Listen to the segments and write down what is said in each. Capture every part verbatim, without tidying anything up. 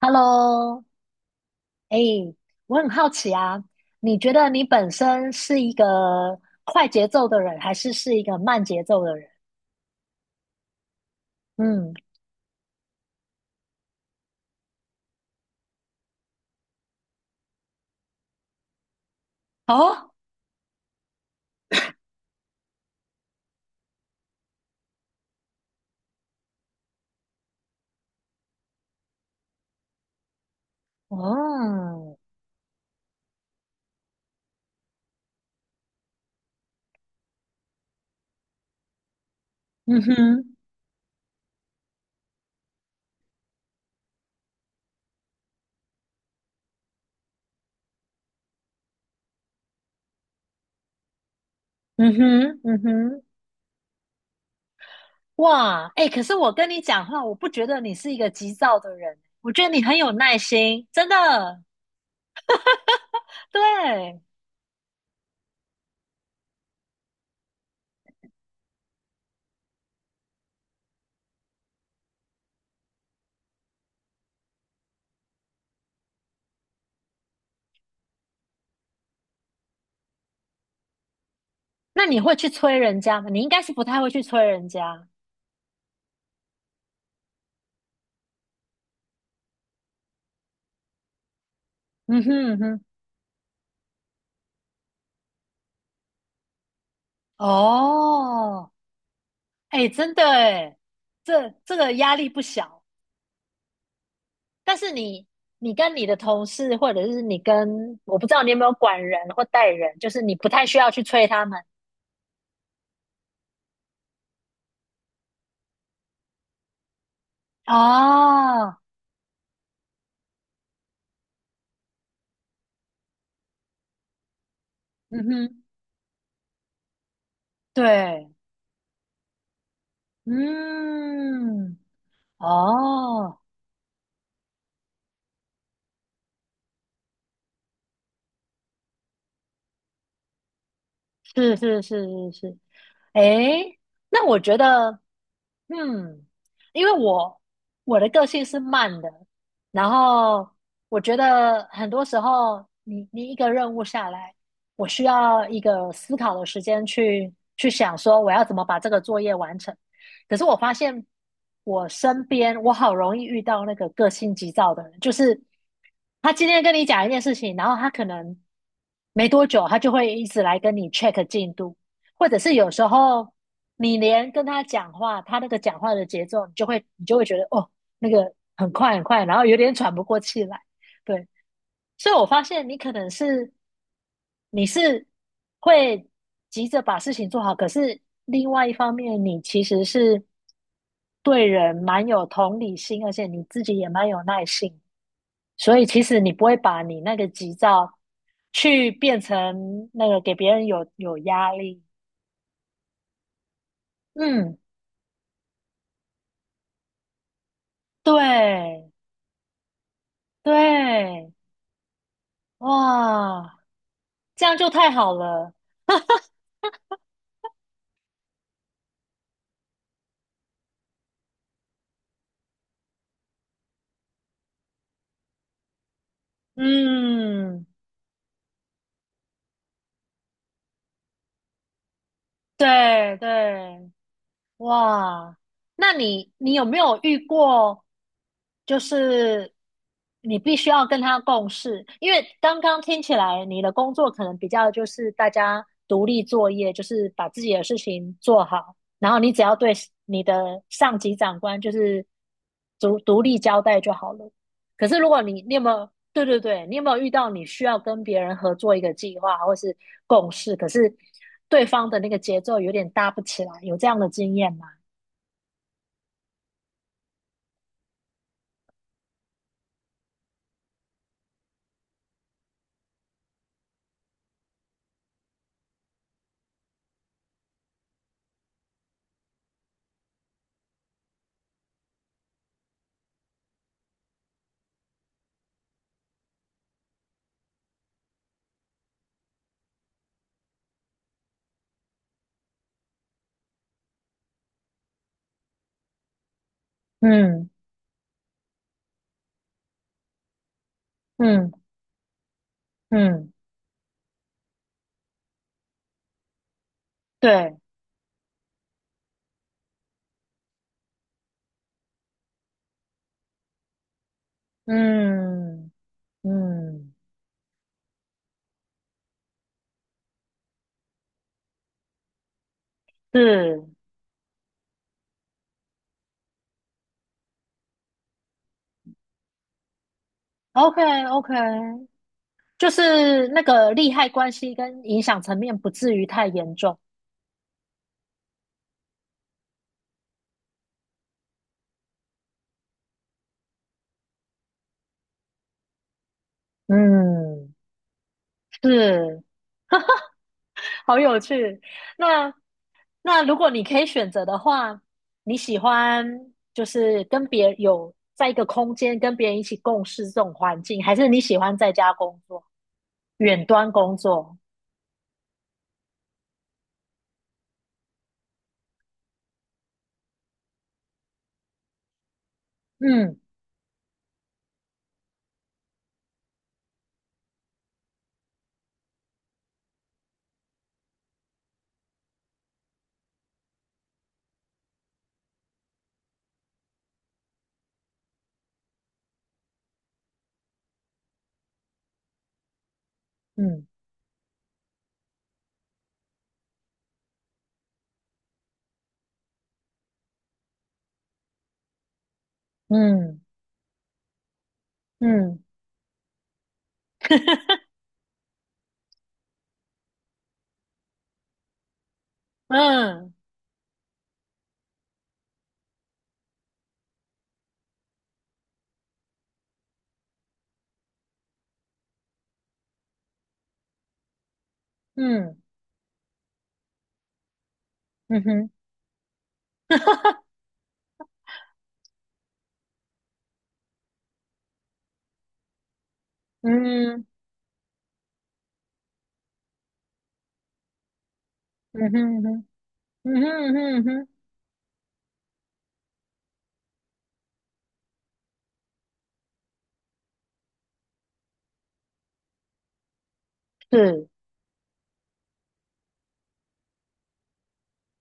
Hello，哎，我很好奇啊，你觉得你本身是一个快节奏的人，还是是一个慢节奏的人？嗯，哦，哦，嗯哼，嗯哼，嗯哼，哇，哎，可是我跟你讲话，我不觉得你是一个急躁的人，我觉得你很有耐心，真的。对，那你会去催人家吗？你应该是不太会去催人家。嗯哼嗯哼，哦哎，真的哎，这这个压力不小。但是你，你，跟你的同事，或者是你跟，我不知道你有没有管人或带人，就是你不太需要去催他们。哦，嗯哼，对，嗯，哦，是是是是是，诶，那我觉得，嗯，因为我我的个性是慢的，然后我觉得很多时候你，你一个任务下来，我需要一个思考的时间去去想说我要怎么把这个作业完成。可是我发现我身边我好容易遇到那个个性急躁的人，就是他今天跟你讲一件事情，然后他可能没多久他就会一直来跟你 check 进度。或者是有时候你连跟他讲话，他那个讲话的节奏，你就会你就会觉得哦，那个很快很快，然后有点喘不过气来。对，所以我发现你可能是你是会急着把事情做好，可是另外一方面，你其实是对人蛮有同理心，而且你自己也蛮有耐性，所以其实你不会把你那个急躁去变成那个给别人有有压力。嗯，对，对，哇，这样就太好了。嗯，对对，哇，那你你有没有遇过，就是你必须要跟他共事？因为刚刚听起来你的工作可能比较就是大家独立作业，就是把自己的事情做好，然后你只要对你的上级长官就是独独立交代就好了。可是如果你你有没有对对对，你有没有遇到你需要跟别人合作一个计划或是共事，可是对方的那个节奏有点搭不起来，有这样的经验吗？嗯嗯嗯，对，嗯嗯，是，OK OK，就是那个利害关系跟影响层面不至于太严重。嗯，是，好有趣。那那如果你可以选择的话，你喜欢就是跟别人有在一个空间跟别人一起共事这种环境，还是你喜欢在家工作、远端工作？嗯嗯嗯嗯 嗯嗯嗯哼 嗯嗯哼嗯哼嗯哼嗯哼是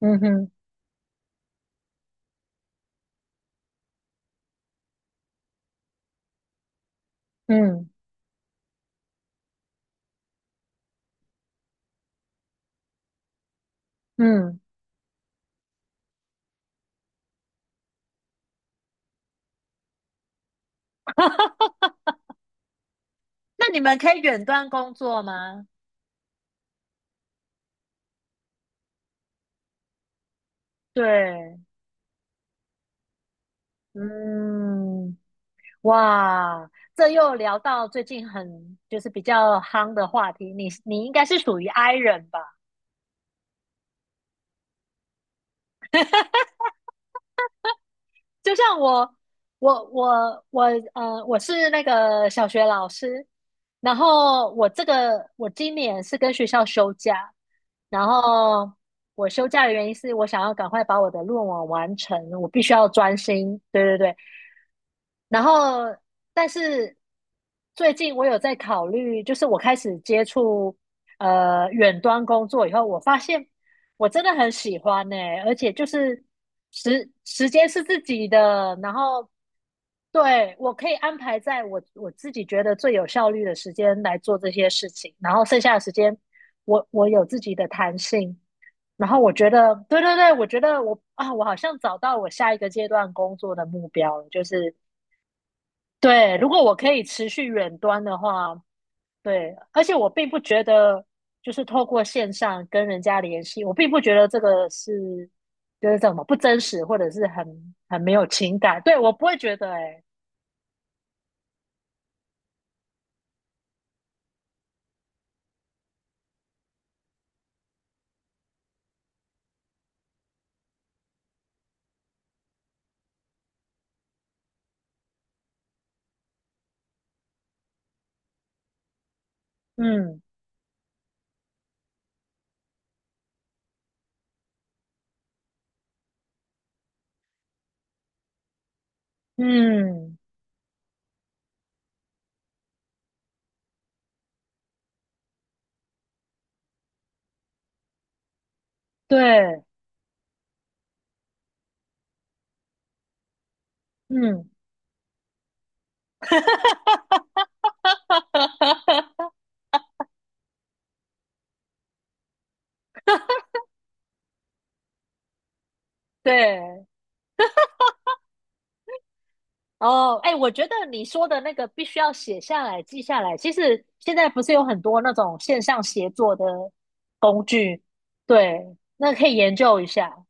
嗯哼嗯嗯。那你们可以远端工作吗？对，嗯，哇，这又聊到最近很就是比较夯的话题，你你应该是属于 I 人吧？就像我，我我我呃，我是那个小学老师，然后我这个我今年是跟学校休假，然后我休假的原因是我想要赶快把我的论文完成，我必须要专心。对对对，然后但是最近我有在考虑，就是我开始接触呃远端工作以后，我发现。我真的很喜欢呢、而且就是时时间是自己的，然后对我可以安排在我我自己觉得最有效率的时间来做这些事情，然后剩下的时间我我有自己的弹性，然后我觉得对对对，我觉得我啊，我好像找到我下一个阶段工作的目标了，就是对，如果我可以持续远端的话，对，而且我并不觉得，就是透过线上跟人家联系，我并不觉得这个是就是怎么不真实，或者是很很没有情感。对，我不会觉得、欸，哎，嗯嗯，对，嗯，对，哦，哎，我觉得你说的那个必须要写下来、记下来。其实现在不是有很多那种线上协作的工具，对，那可以研究一下。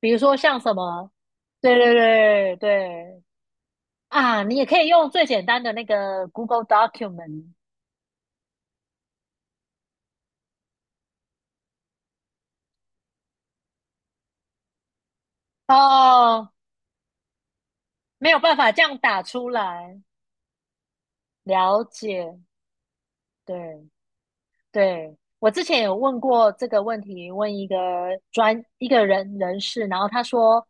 比如说像什么，对对对对啊，你也可以用最简单的那个 Google Document 哦，没有办法这样打出来，了解，对，对，我之前有问过这个问题，问一个专一个人人士，然后他说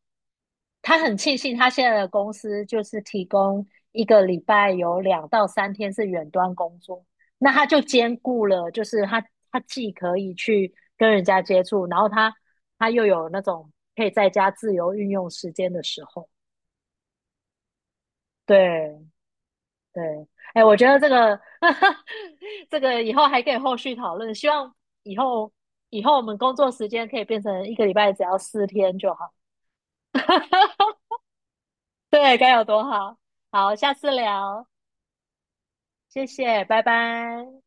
他很庆幸他现在的公司就是提供一个礼拜有两到三天是远端工作，那他就兼顾了，就是他他既可以去跟人家接触，然后他他又有那种可以在家自由运用时间的时候，对。对，哎，我觉得这个 这个以后还可以后续讨论。希望以后以后我们工作时间可以变成一个礼拜只要四天就好。对，该有多好！好，下次聊，谢谢，拜拜。